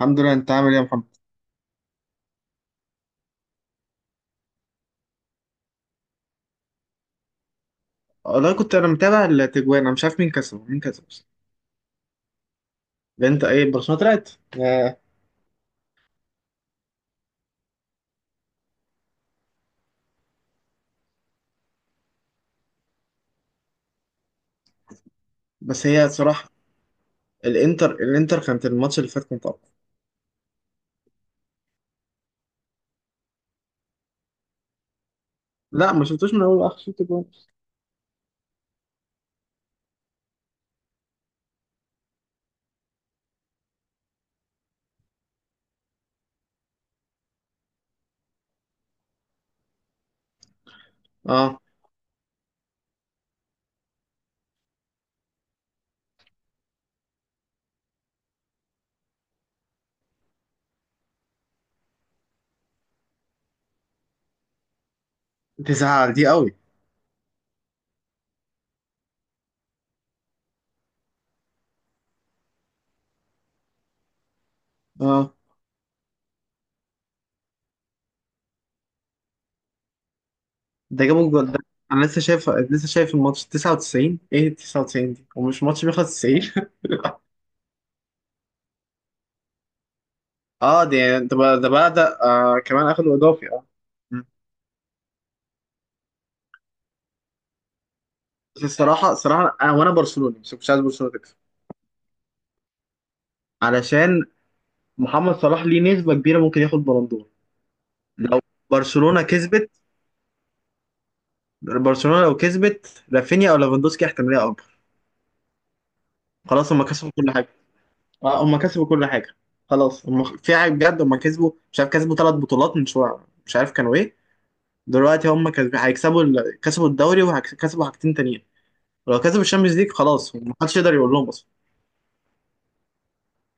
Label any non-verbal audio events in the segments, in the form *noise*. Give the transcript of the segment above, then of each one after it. الحمد لله، انت عامل ايه يا محمد؟ والله كنت انا متابع التجوان، انا مش عارف مين كسب، مين كسب بس. انت ايه، برشلونه طلعت؟ ياه. بس هي صراحه، الانتر كانت الماتش اللي فات كنت اقوى. لا، ما شفتوش من اول لاخر، شفت جوان. اه، تزعل دي قوي. اه، ده جابوا الجول ده. انا لسه شايف الماتش 99، ايه 99 دي؟ ومش ماتش بيخلص 90. *laughs* اه دي، ده آه، كمان اخدوا اضافي، اه. مم. بس الصراحه انا وانا برشلوني، بس كنتش عايز برشلونه تكسب. علشان محمد صلاح ليه نسبة كبيرة ممكن ياخد بلندور. لو برشلونة كسبت، لو كسبت رافينيا او ليفاندوسكي احتمالية اكبر. خلاص هم كسبوا كل حاجة. اه هم كسبوا كل حاجة. خلاص هم في حاجة بجد، هم كسبوا، مش عارف كسبوا 3 بطولات من شوية، مش عارف كانوا ايه. دلوقتي هم كسبوا، كسبوا الدوري وهيكسبوا حاجتين تانيين. ولو كسبوا الشامبيونز ليج، خلاص محدش يقدر يقول لهم اصلا.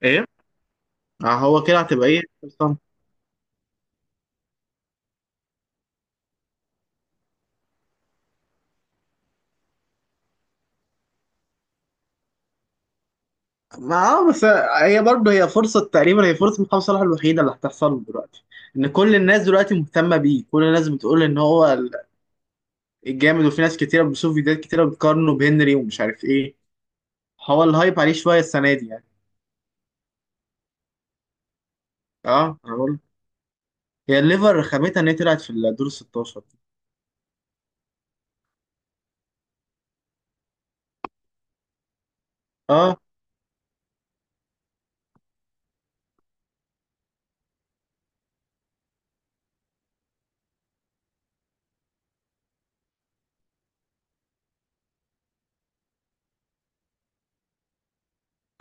ايه؟ آه، هو كده هتبقى ايه. ما اه، بس هي برضه، هي فرصة محمد صلاح الوحيدة اللي هتحصل له دلوقتي. إن كل الناس دلوقتي مهتمة بيه، كل الناس بتقول إن هو الجامد. وفي ناس كتيرة، بشوف فيديوهات كتيرة بتقارنه بهنري، ومش عارف إيه. هو الهايب عليه شوية السنة دي يعني. اه أنا بقول، هي الليفر رخامتها إن هي طلعت في الدور ال 16. اه،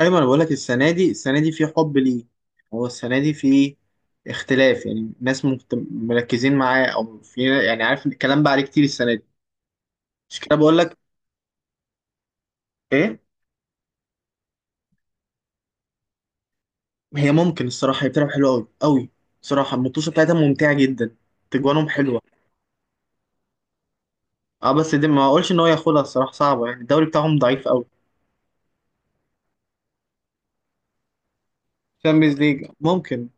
أيوة، أنا بقول لك السنة دي، السنة دي في حب ليه. هو السنة دي في اختلاف، يعني ناس مركزين معاه، أو في، يعني عارف، الكلام بقى عليه كتير السنة دي. مش كده بقول لك؟ إيه، هي ممكن الصراحة، هي بتلعب حلوة أوي أوي. صراحة المطوشة بتاعتها ممتعة جدا. تجوانهم حلوة. اه، بس دي ما أقولش إن هو ياخدها، الصراحة صعبة يعني، الدوري بتاعهم ضعيف أوي. تشامبيونز ليج ممكن.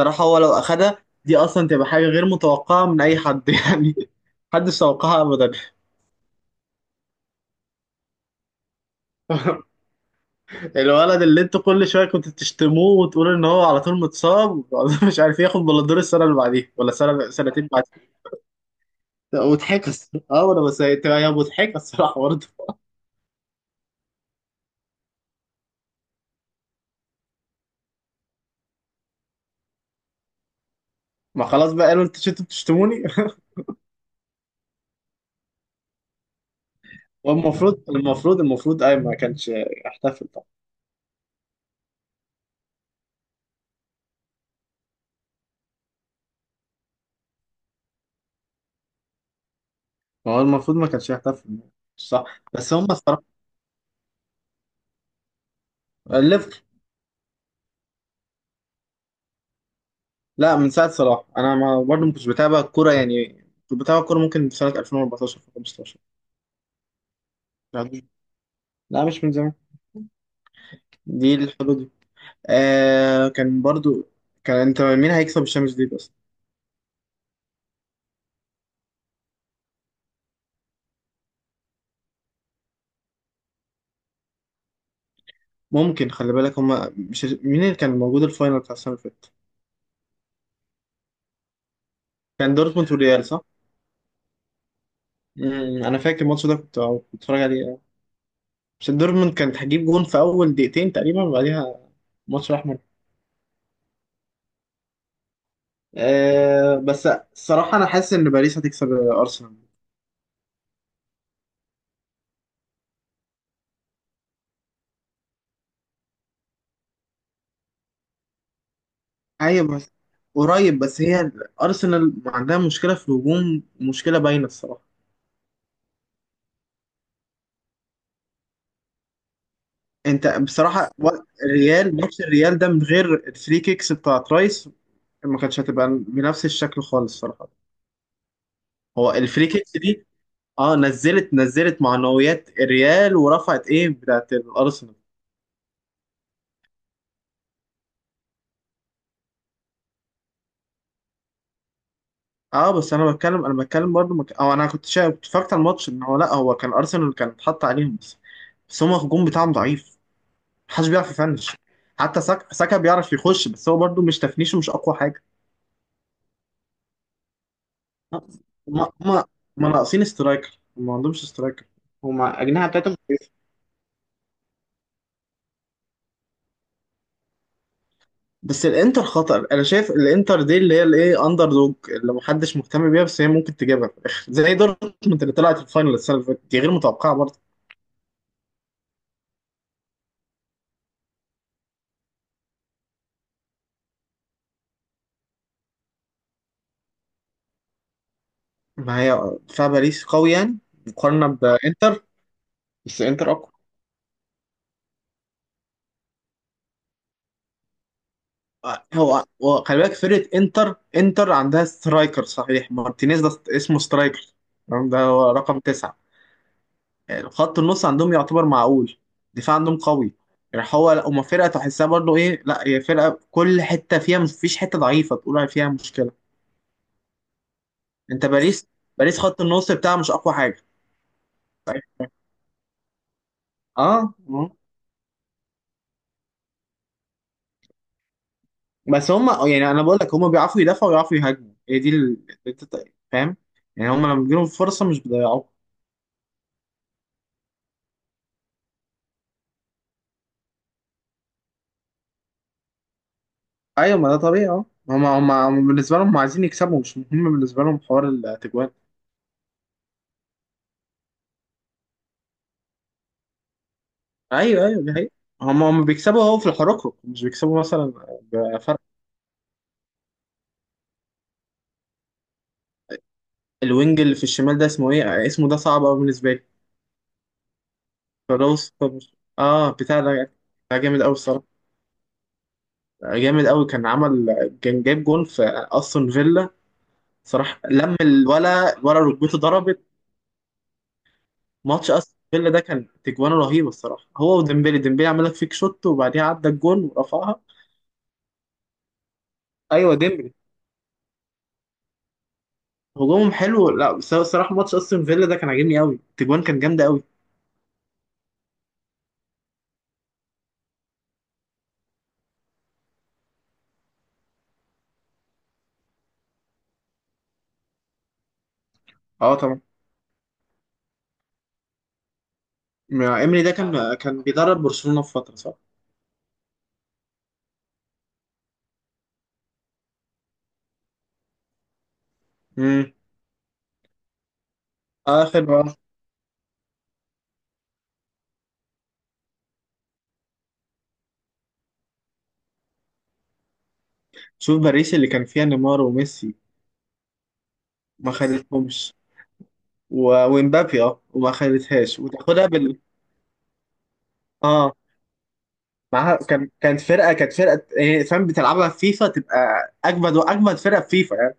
صراحة، هو لو أخدها دي أصلا تبقى حاجة غير متوقعة من أي حد *laughs* يعني، محدش توقعها أبدا. *laughs* الولد اللي انتوا كل شوية كنتوا تشتموه، وتقولوا إن هو على طول متصاب *laughs* مش عارف ياخد بلندور السنة اللي بعديها، ولا سنة سنتين بعديها. مضحكة الصراحة، اه، أنا بس هي مضحكة الصراحة برضه. ما خلاص بقى، قالوا انتوا شفتوا بتشتموني. *laughs* والمفروض المفروض المفروض اي ما كانش يحتفل طبعا. هو المفروض ما كانش يحتفل صح. بس هم الصراحه. الليفر. لا، من ساعه صلاح، انا ما برضه ما كنتش بتابع الكوره يعني. كنت بتابع الكوره ممكن في سنه 2014، في 15. لا مش من زمان، دي الحدود دي. آه كان برضو، انت مين هيكسب الشامبيونز ليج بس؟ ممكن، خلي بالك، هما مش مين اللي كان موجود الفاينل بتاع السنه اللي فاتت؟ كان دورتموند والريال صح؟ انا فاكر الماتش ده، كنت بتفرج عليه. مش دورتموند كانت هتجيب جون في اول دقيقتين تقريبا، وبعديها ماتش احمر. أه بس الصراحه، انا حاسس ان باريس هتكسب ارسنال. ايوه بس، قريب بس هي، ارسنال عندها مشكله في الهجوم، مشكله باينه الصراحه. انت بصراحه و- الريال ماتش الريال ده من غير الفري كيكس بتاعت رايس ما كانتش هتبقى بنفس الشكل خالص الصراحه. هو الفري كيكس دي، اه، نزلت معنويات الريال ورفعت ايه بتاعت الارسنال. اه بس انا بتكلم، برضو او انا كنت اتفرجت على الماتش، ان هو، لا هو كان ارسنال كان اتحط عليهم بس. بس هما الهجوم بتاعهم ضعيف، محدش بيعرف يفنش. حتى ساكا بيعرف يخش، بس هو برضو مش تفنيشه، مش اقوى حاجه. هما هما ناقصين سترايكر، هم ما عندهمش سترايكر. هما أجنحة بتاعتهم كويسة. بس الانتر خطر، انا شايف الانتر دي اللي هي الايه اندر دوج اللي محدش مهتم بيها، بس هي ممكن تجيبها في الاخر، زي دورتموند اللي طلعت الفاينل السنه اللي فاتت دي، غير متوقعه. ما هي دفاع باريس قوي يعني، مقارنة بإنتر. بس إنتر أقوى. آه، هو خلي بالك، فرقة إنتر عندها سترايكر صحيح، مارتينيز ده اسمه سترايكر، تمام؟ ده هو رقم 9، يعني خط النص عندهم يعتبر معقول، دفاع عندهم قوي. يعني هو، لا هما فرقة تحسها برضه إيه، لا هي فرقة كل حتة فيها، مفيش حتة ضعيفة تقول عليها فيها مشكلة. أنت باريس، باريس خط النص بتاعها مش أقوى حاجة. اه بس هم، يعني انا بقول لك، هم بيعرفوا يدافعوا ويعرفوا يهاجموا، هي دي اللي انت فاهم. يعني هم لما بيجيلهم فرصه مش بيضيعوها. ايوه، ما ده طبيعي، اه، هم بالنسبه لهم عايزين يكسبوا، مش مهم بالنسبه لهم حوار التجوان. ايوه ايوه، دي حقيقة. هم بيكسبوا اهو في الحركة، مش بيكسبوا مثلا بفرق. الوينج اللي في الشمال ده اسمه ايه؟ ده صعب قوي بالنسبه لي. فلوس، اه بتاع ده، ده جامد قوي الصراحه. جامد قوي، كان عمل، كان جايب جون في استون فيلا. صراحه لم ولا ركبته ضربت. ماتش استون فيلا ده كان تجوانه رهيبه الصراحه، هو وديمبلي عمل لك فيك شوت، وبعديها عدى الجون ورفعها. ايوه، ديمبلي. هجومهم حلو، لا، بس هو الصراحه ماتش استون فيلا ده كان عاجبني قوي، التجوان كان جامده قوي. اه طبعا. ايمري ده كان بيدرب برشلونه في فتره، صح؟ امم اخر بقى، شوف باريس اللي كان فيها نيمار وميسي، ما خدتهمش، و... ومبابي، اه، وما خدتهاش وتاخدها بال. اه، معاها كانت فرقه إيه، فاهم، بتلعبها في فيفا تبقى اجمد، واجمد فرقه في فيفا يعني.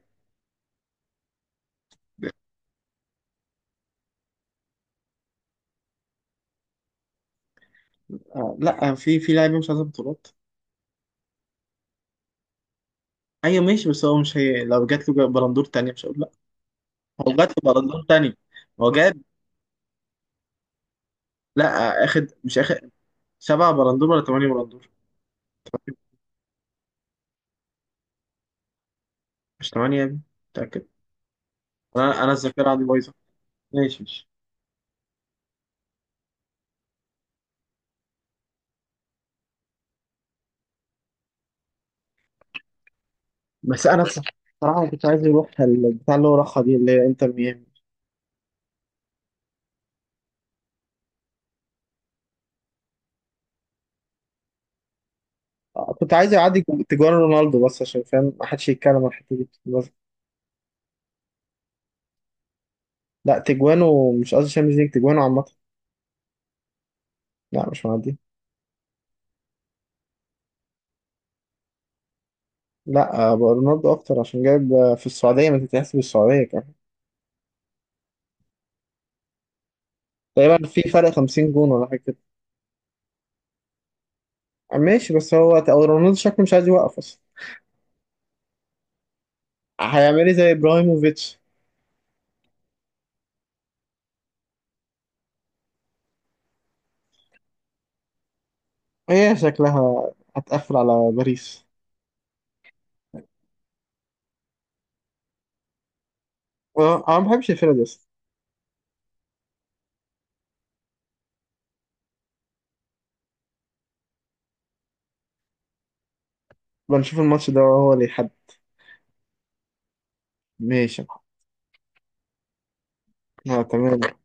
آه لا، آه، في لعيبه مش عايزه بطولات. ايوه ماشي، بس هو مش، هي لو جات له بلندور تانية مش هقول لا. هو جات له بلندور تانية. هو جاب، لا آه، اخد، مش اخد 7 بلندور ولا 8 بلندور؟ مش 8 يا ابني، متأكد؟ انا الذاكرة عندي بايظة. ماشي ماشي. بس انا بصراحة، كنت عايز يروح البتاع اللي هو راحها دي اللي هي انتر ميامي. آه، كنت عايز يعدي، تجوان رونالدو، بس عشان فاهم ما حدش يتكلم عن الحتة دي بس. لا، تجوانه، مش قصدي شامبيونز ليج، تجوانه عامة. لا مش معدي. لا آه، بقى رونالدو اكتر، عشان جايب آه، في السعوديه، ما تتحسب السعوديه كمان. تقريبا في فرق 50 جون ولا حاجه كده. آه، ماشي، بس هو أو رونالدو شكله مش عايز يوقف اصلا. هيعمل ايه، زي ابراهيموفيتش. هي شكلها هتقفل على باريس. آه، انا ما بحبش الفرقه دي اصلا. بنشوف الماتش ده هو اللي يحدد. ماشي. آه، تمام